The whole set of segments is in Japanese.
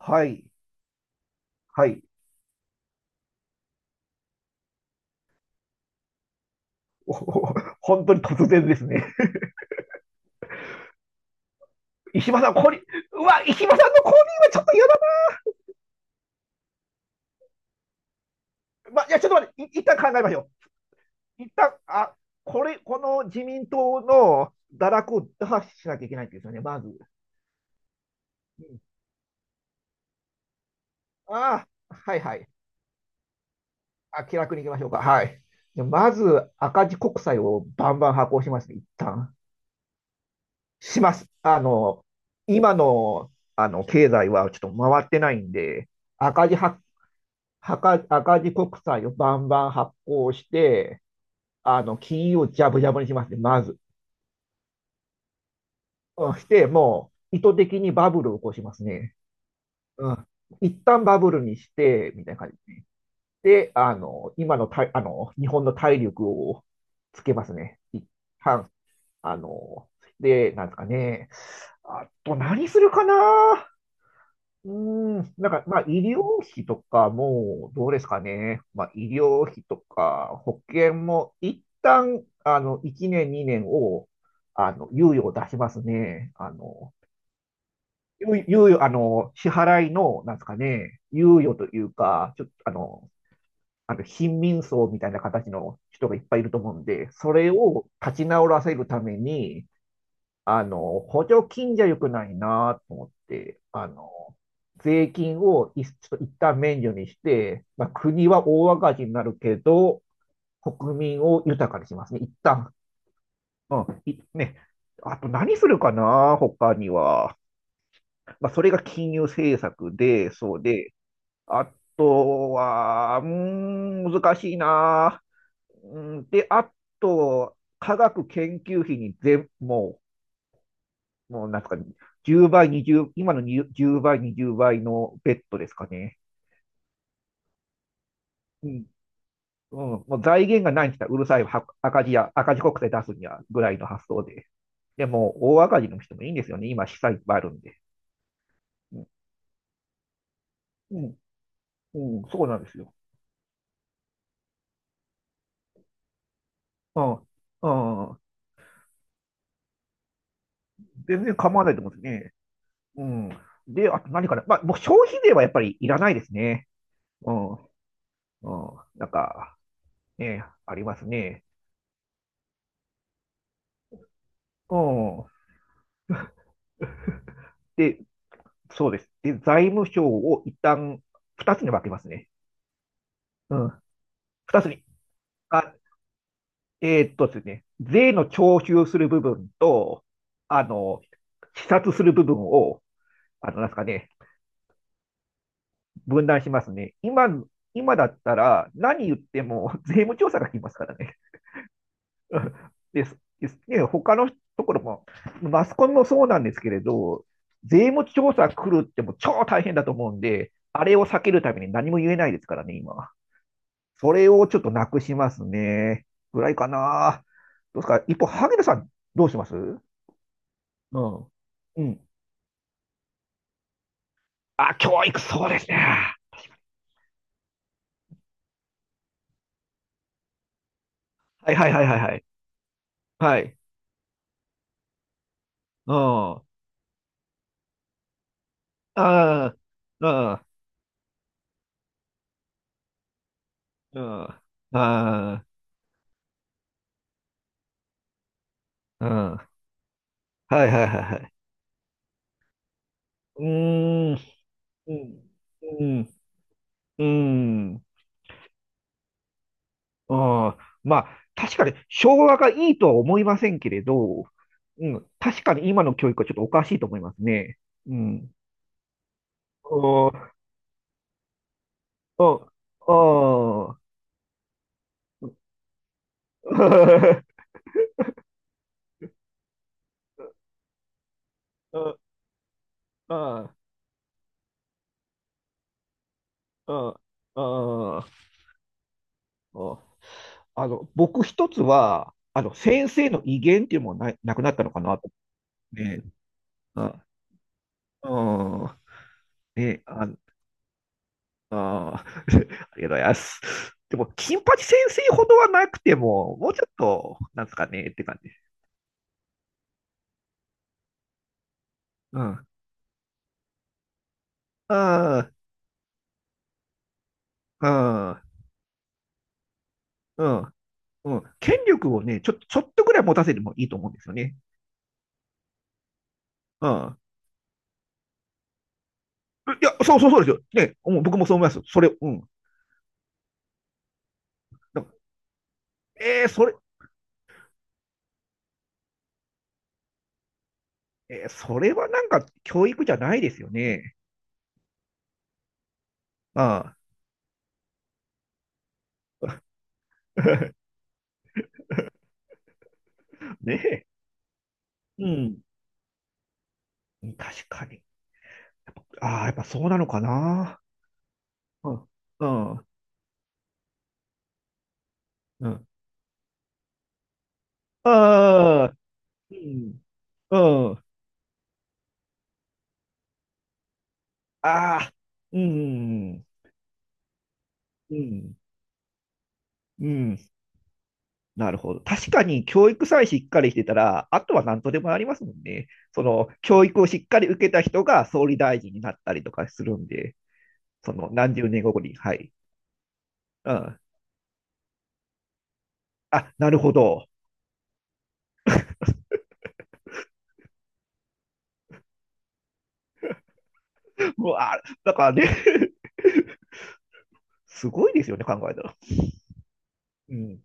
はい。はい。おお、本当に突然ですね。石破さん、降臨、うわ、石破さんの降臨はちょっと嫌だ。まいや、ちょっと待って、一旦考えましょう。一旦、この自民党の堕落を打破しなきゃいけないんですよね、まず。うん。ああ、はいはい。気楽に行きましょうか。はい。で、まず、赤字国債をバンバン発行しますね、一旦。します。今の、経済はちょっと回ってないんで、赤字発赤字国債をバンバン発行して、金融をジャブジャブにしますね、まず。うん、して、もう、意図的にバブルを起こしますね。うん。一旦バブルにして、みたいな感じですね。で、あの、今のた、あの、日本の体力をつけますね。一旦、あの、で、なんですかね。あと、何するかな。うなんか、まあ、医療費とかも、どうですかね。まあ、医療費とか、保険も、一旦、1年、2年を、猶予を出しますね。あの、猶猶予、あの、支払いの、なんですかね、猶予というか、ちょっと、貧民層みたいな形の人がいっぱいいると思うんで、それを立ち直らせるために、補助金じゃ良くないなと思って、税金をちょっと一旦免除にして、まあ、国は大赤字になるけど、国民を豊かにしますね、一旦。うん、いね。あと何するかな、他には。まあ、それが金融政策で、そうで、あとは、難しいな。うん、で、あと、科学研究費にもうなんか、10倍、20、今の10倍、20倍のベッドですかね。うん。うん、もう財源がないんですよ。うるさいは赤字や、赤字国債出すにはぐらいの発想で。でも、大赤字の人もいいんですよね。今、資産いっぱいあるんで。うん、うん、うん、そうなんですよ。うん、うん。全然構わないと思うんですね。うん。で、あと何かな。まあ、もう消費税はやっぱりいらないですね。うん、うん。なんか、ね、ありますね。うん。で、そうです。で、財務省を一旦二つに分けますね。うん。二つに。あ、ですね、税の徴収する部分と、あの、視察する部分を、なんですかね、分断しますね。今だったら何言っても税務調査が来ますからね。ですね、他のところも、マスコミもそうなんですけれど、税務調査来るってもう超大変だと思うんで、あれを避けるために何も言えないですからね、今。それをちょっとなくしますね。ぐらいかな。どうですか一方、萩野さん、どうします？うん。うん。教育、そうですね。はいはいはいはいはい。はい。うん。ああ、うん。うん。ああ、うん。はいはいはいはい。うーん、うん、うん、うん、うん。まあ、確かに昭和がいいとは思いませんけれど、うん、確かに今の教育はちょっとおかしいと思いますね。うん。お、おー。うんうんうんうんうん、僕一つは、先生の威厳っていうのもな、なくなったのかなと思って。うん。うんね、あ、ありがとうございます。でも、金八先生ほどはなくても、もうちょっと、なんですかね、って感じ。うん。ああ、うん、うん、うん。権力をね、ちょっとぐらい持たせてもいいと思うんですよね。うん。いや、そうそうそうですよ。ね、もう僕もそう思います。それ、うん。だからそれはなんか教育じゃないですよね。ああ。ねえ。うん。確かに。ああ、やっぱそうなのかな。うん。うん。うん。ああ。うん。うん。ああ。うん。うん。うん。なるほど。確かに教育さえしっかりしてたら、あとは何とでもなりますもんね。その、教育をしっかり受けた人が総理大臣になったりとかするんで。その何十年後に、はい。うん。なるほど。うわ、だからね すごいですよね、考えたら。うん。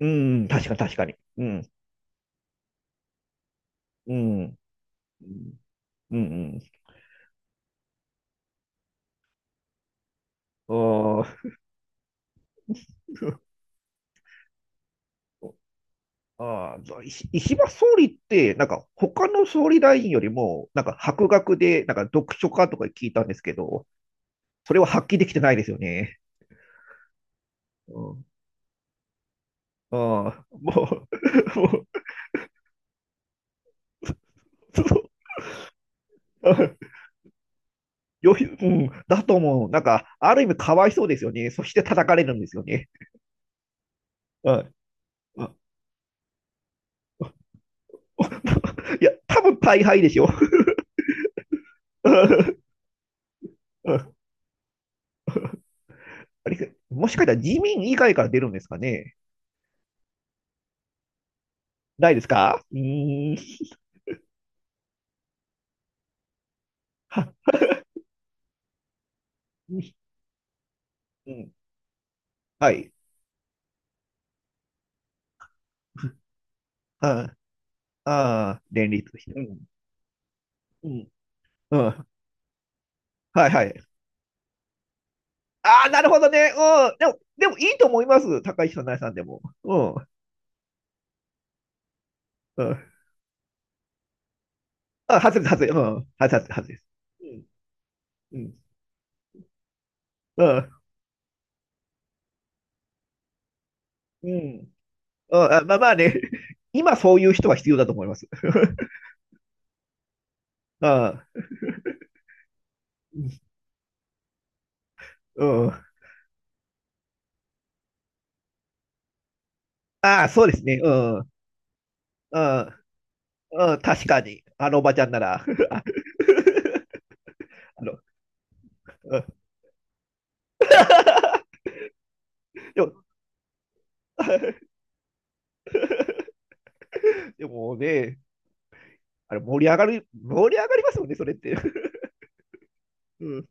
うん、確かに確かに。うん、うん、うん、うん。あ 石破総理って、なんか他の総理大臣よりも、なんか博学で、なんか読書家とか聞いたんですけど、それは発揮できてないですよね。うん、ああ、もう、もう、そうあよひ、うん、だと思う。なんか、ある意味かわいそうですよね。そして叩かれるんですよね。はい。いや、多分大敗でしょ。うん。あれ、もしかしたら自民以外から出るんですかね？ないですか？うーん。は、うん。はい。ああ、連立して。うん。うん。うん。はいはい。ああ、なるほどね。うん。でも、いいと思います。高市さん、奈良さんでも。うん。うん。外れ、外れ。うん。外れ、外れです。うん。うん。うん。うん。うん、まあまあね、今そういう人は必要だと思います。あうん。ああ、そうですね。うん。うん。うん。確かに。あのおばちゃんなら。ああの、うん。でも、でもね、盛り上がる、盛り上がりますよね、それって。うん。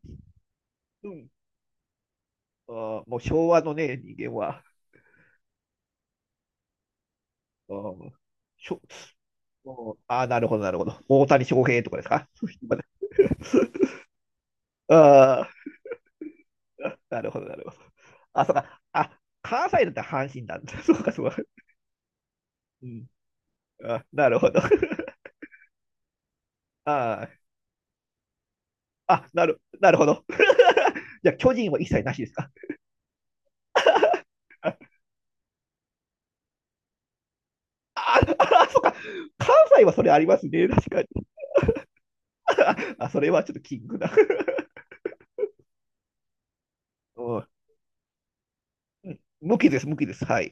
うん。もう昭和のね、人間は。あんしょうん、ああ、なるほど、なるほど。大谷翔平とかですか？ 今ね。あなるほど、なるほど。そうか。関西だったら阪神なんだ。そうか、そうか。うん。なるほど。あーなるほど。じゃあ、巨人は一切なしですか？ああ、そっか。関西はそれありますね。確かに。それはちょっとキングだ。うん。無きです、無きです。はい。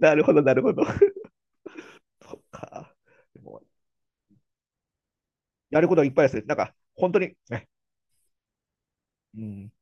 なるほど、なるほど。そっか。でも、やることはいっぱいですね。なんか、本当に、ね、うん